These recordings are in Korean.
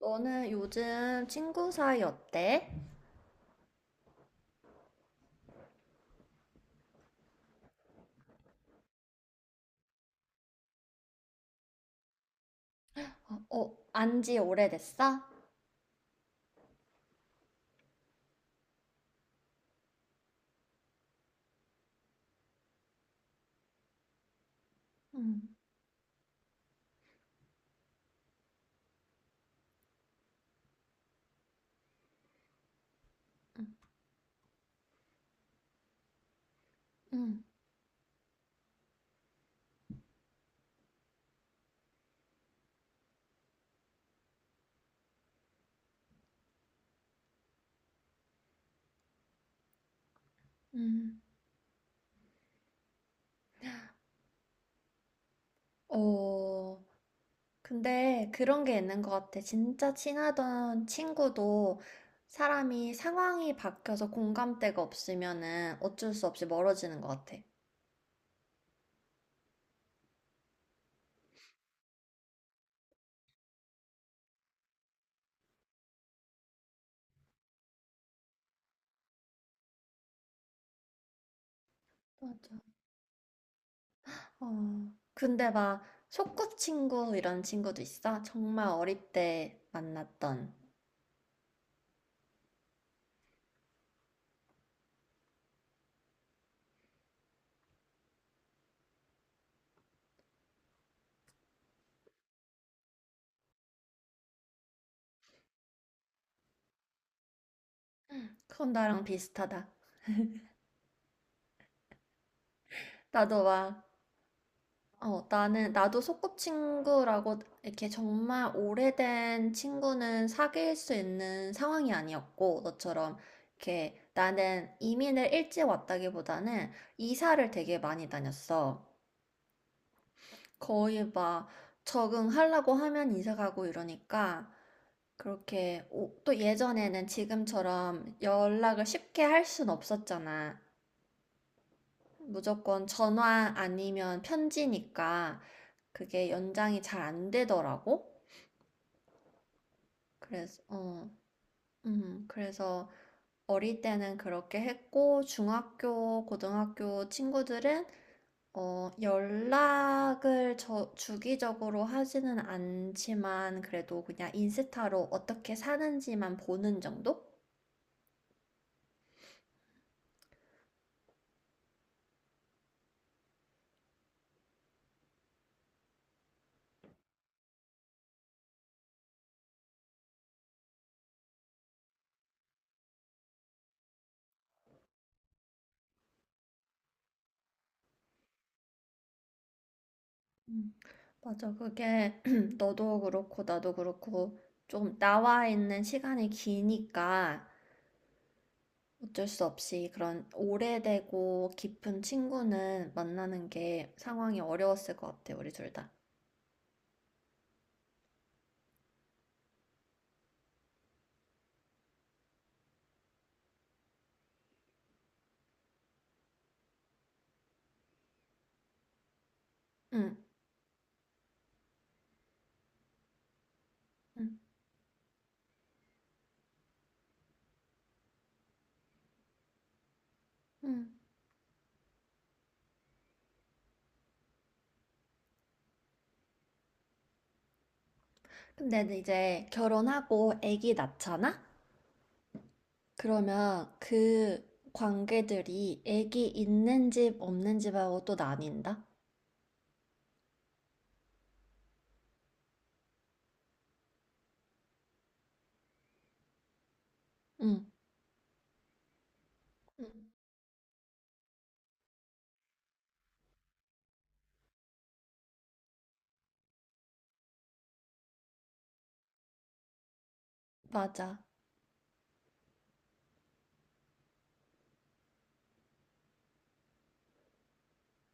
너는 요즘 친구 사이 어때? 어, 어, 안지 오래됐어? 음, 음, 음, 음. 어, 근데 그런 게 있는 것 같아. 진짜 친하던 친구도 사람이 상황이 바뀌어서 공감대가 없으면은 어쩔 수 없이 멀어지는 것 같아. 맞아. 어, 근데 막 소꿉친구 이런 친구도 있어? 정말 어릴 때 만났던. 그건 나랑 비슷하다. 나도 막. 나도 소꿉친구라고 이렇게 정말 오래된 친구는 사귈 수 있는 상황이 아니었고, 너처럼 이렇게 나는 이민을 일찍 왔다기보다는 이사를 되게 많이 다녔어. 거의 막 적응하려고 하면 이사 가고 이러니까, 그렇게, 또 예전에는 지금처럼 연락을 쉽게 할 순 없었잖아. 무조건 전화 아니면 편지니까 그게 연장이 잘 안 되더라고. 그래서, 어, 그래서 어릴 때는 그렇게 했고, 중학교, 고등학교 친구들은, 연락을 주기적으로 하지는 않지만, 그래도 그냥 인스타로 어떻게 사는지만 보는 정도? 음, 맞아. 그게 너도 그렇고, 나도 그렇고, 좀 나와 있는 시간이 기니까, 어쩔 수 없이 그런 오래되고 깊은 친구는 만나는 게 상황이 어려웠을 것 같아, 우리 둘 다. 응, 응, 응. 근데 이제 결혼하고 아기 낳잖아? 그러면 그 관계들이 아기 있는 집, 없는 집하고 또 나뉜다? 응, 응, 맞아.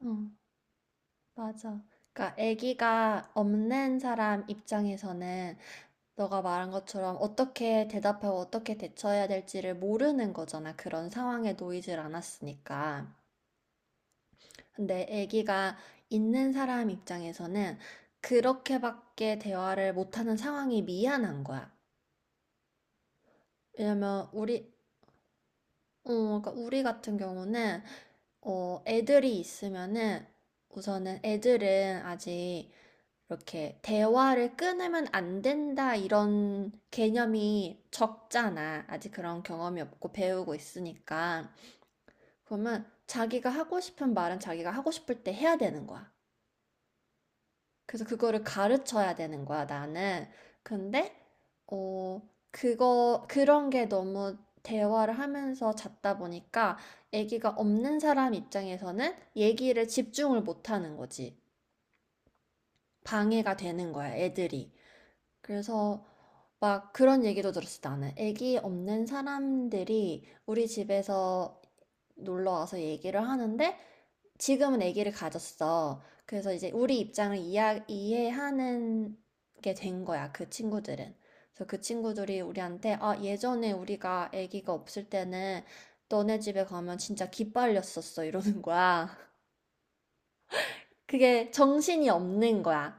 응, 맞아. 그러니까 아기가 없는 사람 입장에서는 너가 말한 것처럼 어떻게 대답하고 어떻게 대처해야 될지를 모르는 거잖아. 그런 상황에 놓이질 않았으니까. 근데 아기가 있는 사람 입장에서는 그렇게밖에 대화를 못하는 상황이 미안한 거야. 왜냐면 우리 그러니까 우리 같은 경우는 애들이 있으면은 우선은 애들은 아직 이렇게 대화를 끊으면 안 된다 이런 개념이 적잖아. 아직 그런 경험이 없고 배우고 있으니까. 그러면 자기가 하고 싶은 말은 자기가 하고 싶을 때 해야 되는 거야. 그래서 그거를 가르쳐야 되는 거야, 나는. 근데, 어, 그거, 그런 게 너무 대화를 하면서 잤다 보니까 아기가 없는 사람 입장에서는 얘기를 집중을 못 하는 거지. 방해가 되는 거야, 애들이. 그래서 막 그런 얘기도 들었어, 나는. 아기 없는 사람들이 우리 집에서 놀러 와서 얘기를 하는데 지금은 아기를 가졌어. 그래서 이제 우리 입장을 이해하는 게 된 거야, 그 친구들은. 그래서 그 친구들이 우리한테, 아, 예전에 우리가 아기가 없을 때는 너네 집에 가면 진짜 기빨렸었어, 이러는 거야. 그게 정신이 없는 거야.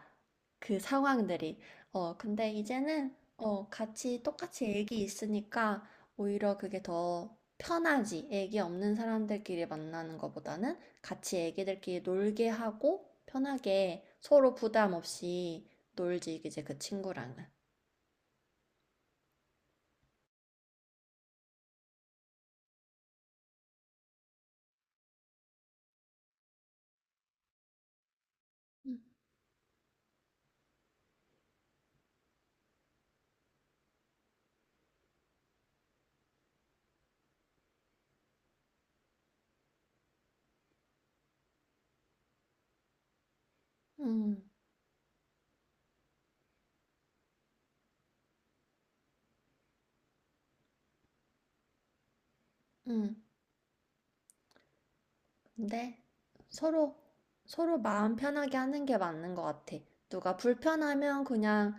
그 상황들이. 근데 이제는 같이 똑같이 애기 있으니까 오히려 그게 더 편하지. 애기 없는 사람들끼리 만나는 것보다는 같이 애기들끼리 놀게 하고 편하게 서로 부담 없이 놀지, 이제 그 친구랑은. 음, 음, 음. 근데 서로 서로 마음 편하게 하는 게 맞는 것 같아. 누가 불편하면 그냥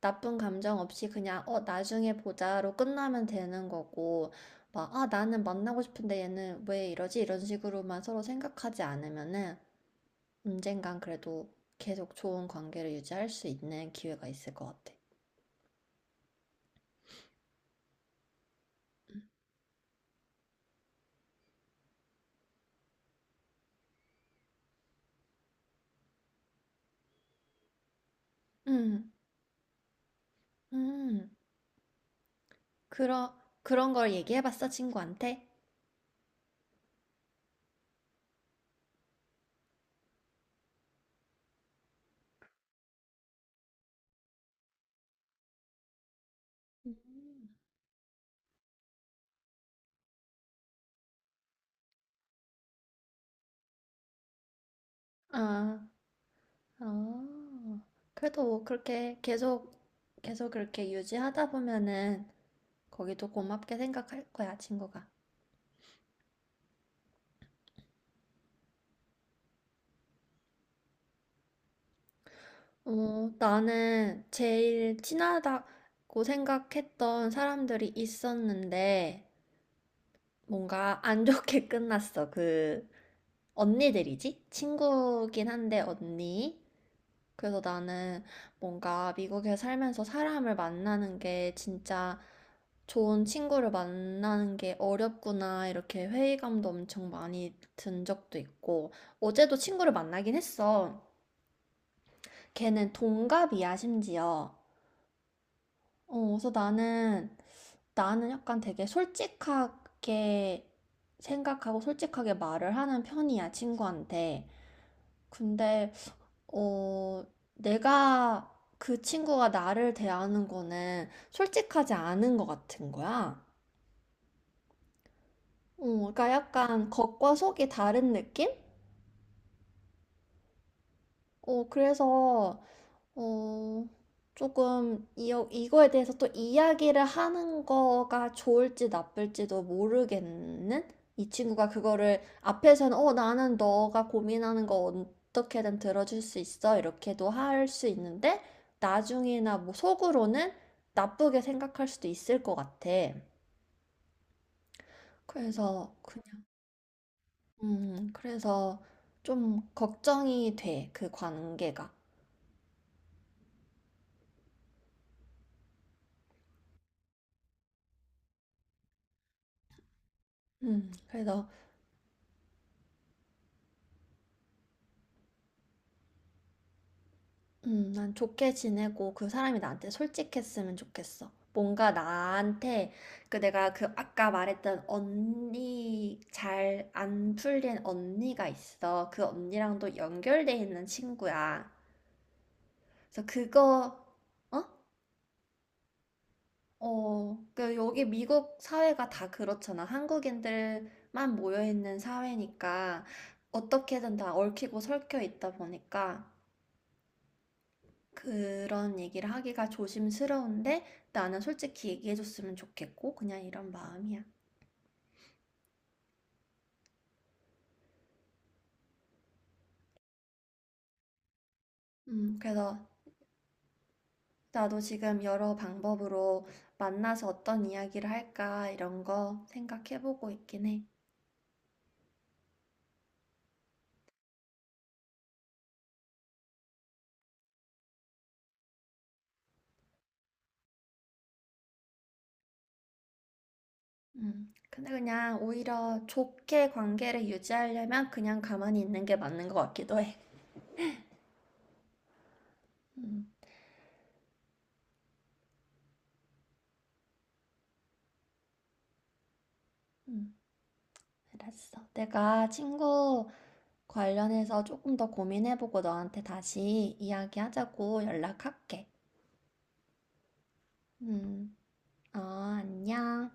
나쁜 감정 없이 그냥 나중에 보자로 끝나면 되는 거고 막 아 나는 만나고 싶은데 얘는 왜 이러지? 이런 식으로만 서로 생각하지 않으면은 언젠간 그래도 계속 좋은 관계를 유지할 수 있는 기회가 있을 것 같아. 음, 음, 그러, 그런 걸 얘기해봤어, 친구한테? 음. 아, 아, 그래도 뭐 그렇게 계속 그렇게 유지하다 보면은 거기도 고맙게 생각할 거야, 친구가. 나는 제일 친하다고 생각했던 사람들이 있었는데 뭔가 안 좋게 끝났어. 그 언니들이지? 친구긴 한데 언니. 그래서 나는 뭔가 미국에 살면서 사람을 만나는 게 진짜 좋은 친구를 만나는 게 어렵구나, 이렇게 회의감도 엄청 많이 든 적도 있고, 어제도 친구를 만나긴 했어. 걔는 동갑이야, 심지어. 그래서 나는 약간 되게 솔직하게 생각하고 솔직하게 말을 하는 편이야, 친구한테. 근데 어, 내가 그 친구가 나를 대하는 거는 솔직하지 않은 것 같은 거야. 그러니까 약간 겉과 속이 다른 느낌? 그래서 어, 조금 이, 이거에 대해서 또 이야기를 하는 거가 좋을지 나쁠지도 모르겠는? 이 친구가 그거를 앞에서는 나는 너가 고민하는 거 어떻게든 들어줄 수 있어. 이렇게도 할 수 있는데 나중이나 뭐 속으로는 나쁘게 생각할 수도 있을 것 같아. 그래서 그냥. 그래서 좀 걱정이 돼. 그 관계가. 그래서 난 좋게 지내고 그 사람이 나한테 솔직했으면 좋겠어. 뭔가 나한테 그 내가 그 아까 말했던 언니 잘 안 풀린 언니가 있어. 그 언니랑도 연결돼 있는 친구야. 그래서 그거 어? 그 여기 미국 사회가 다 그렇잖아. 한국인들만 모여 있는 사회니까 어떻게든 다 얽히고 설켜 있다 보니까 그런 얘기를 하기가 조심스러운데 나는 솔직히 얘기해줬으면 좋겠고 그냥 이런 마음이야. 그래서 나도 지금 여러 방법으로 만나서 어떤 이야기를 할까 이런 거 생각해보고 있긴 해. 근데 그냥 오히려 좋게 관계를 유지하려면 그냥 가만히 있는 게 맞는 것 같기도 해. 음, 음, 알았어. 내가 친구 관련해서 조금 더 고민해보고 너한테 다시 이야기하자고 연락할게. 음. 어, 안녕.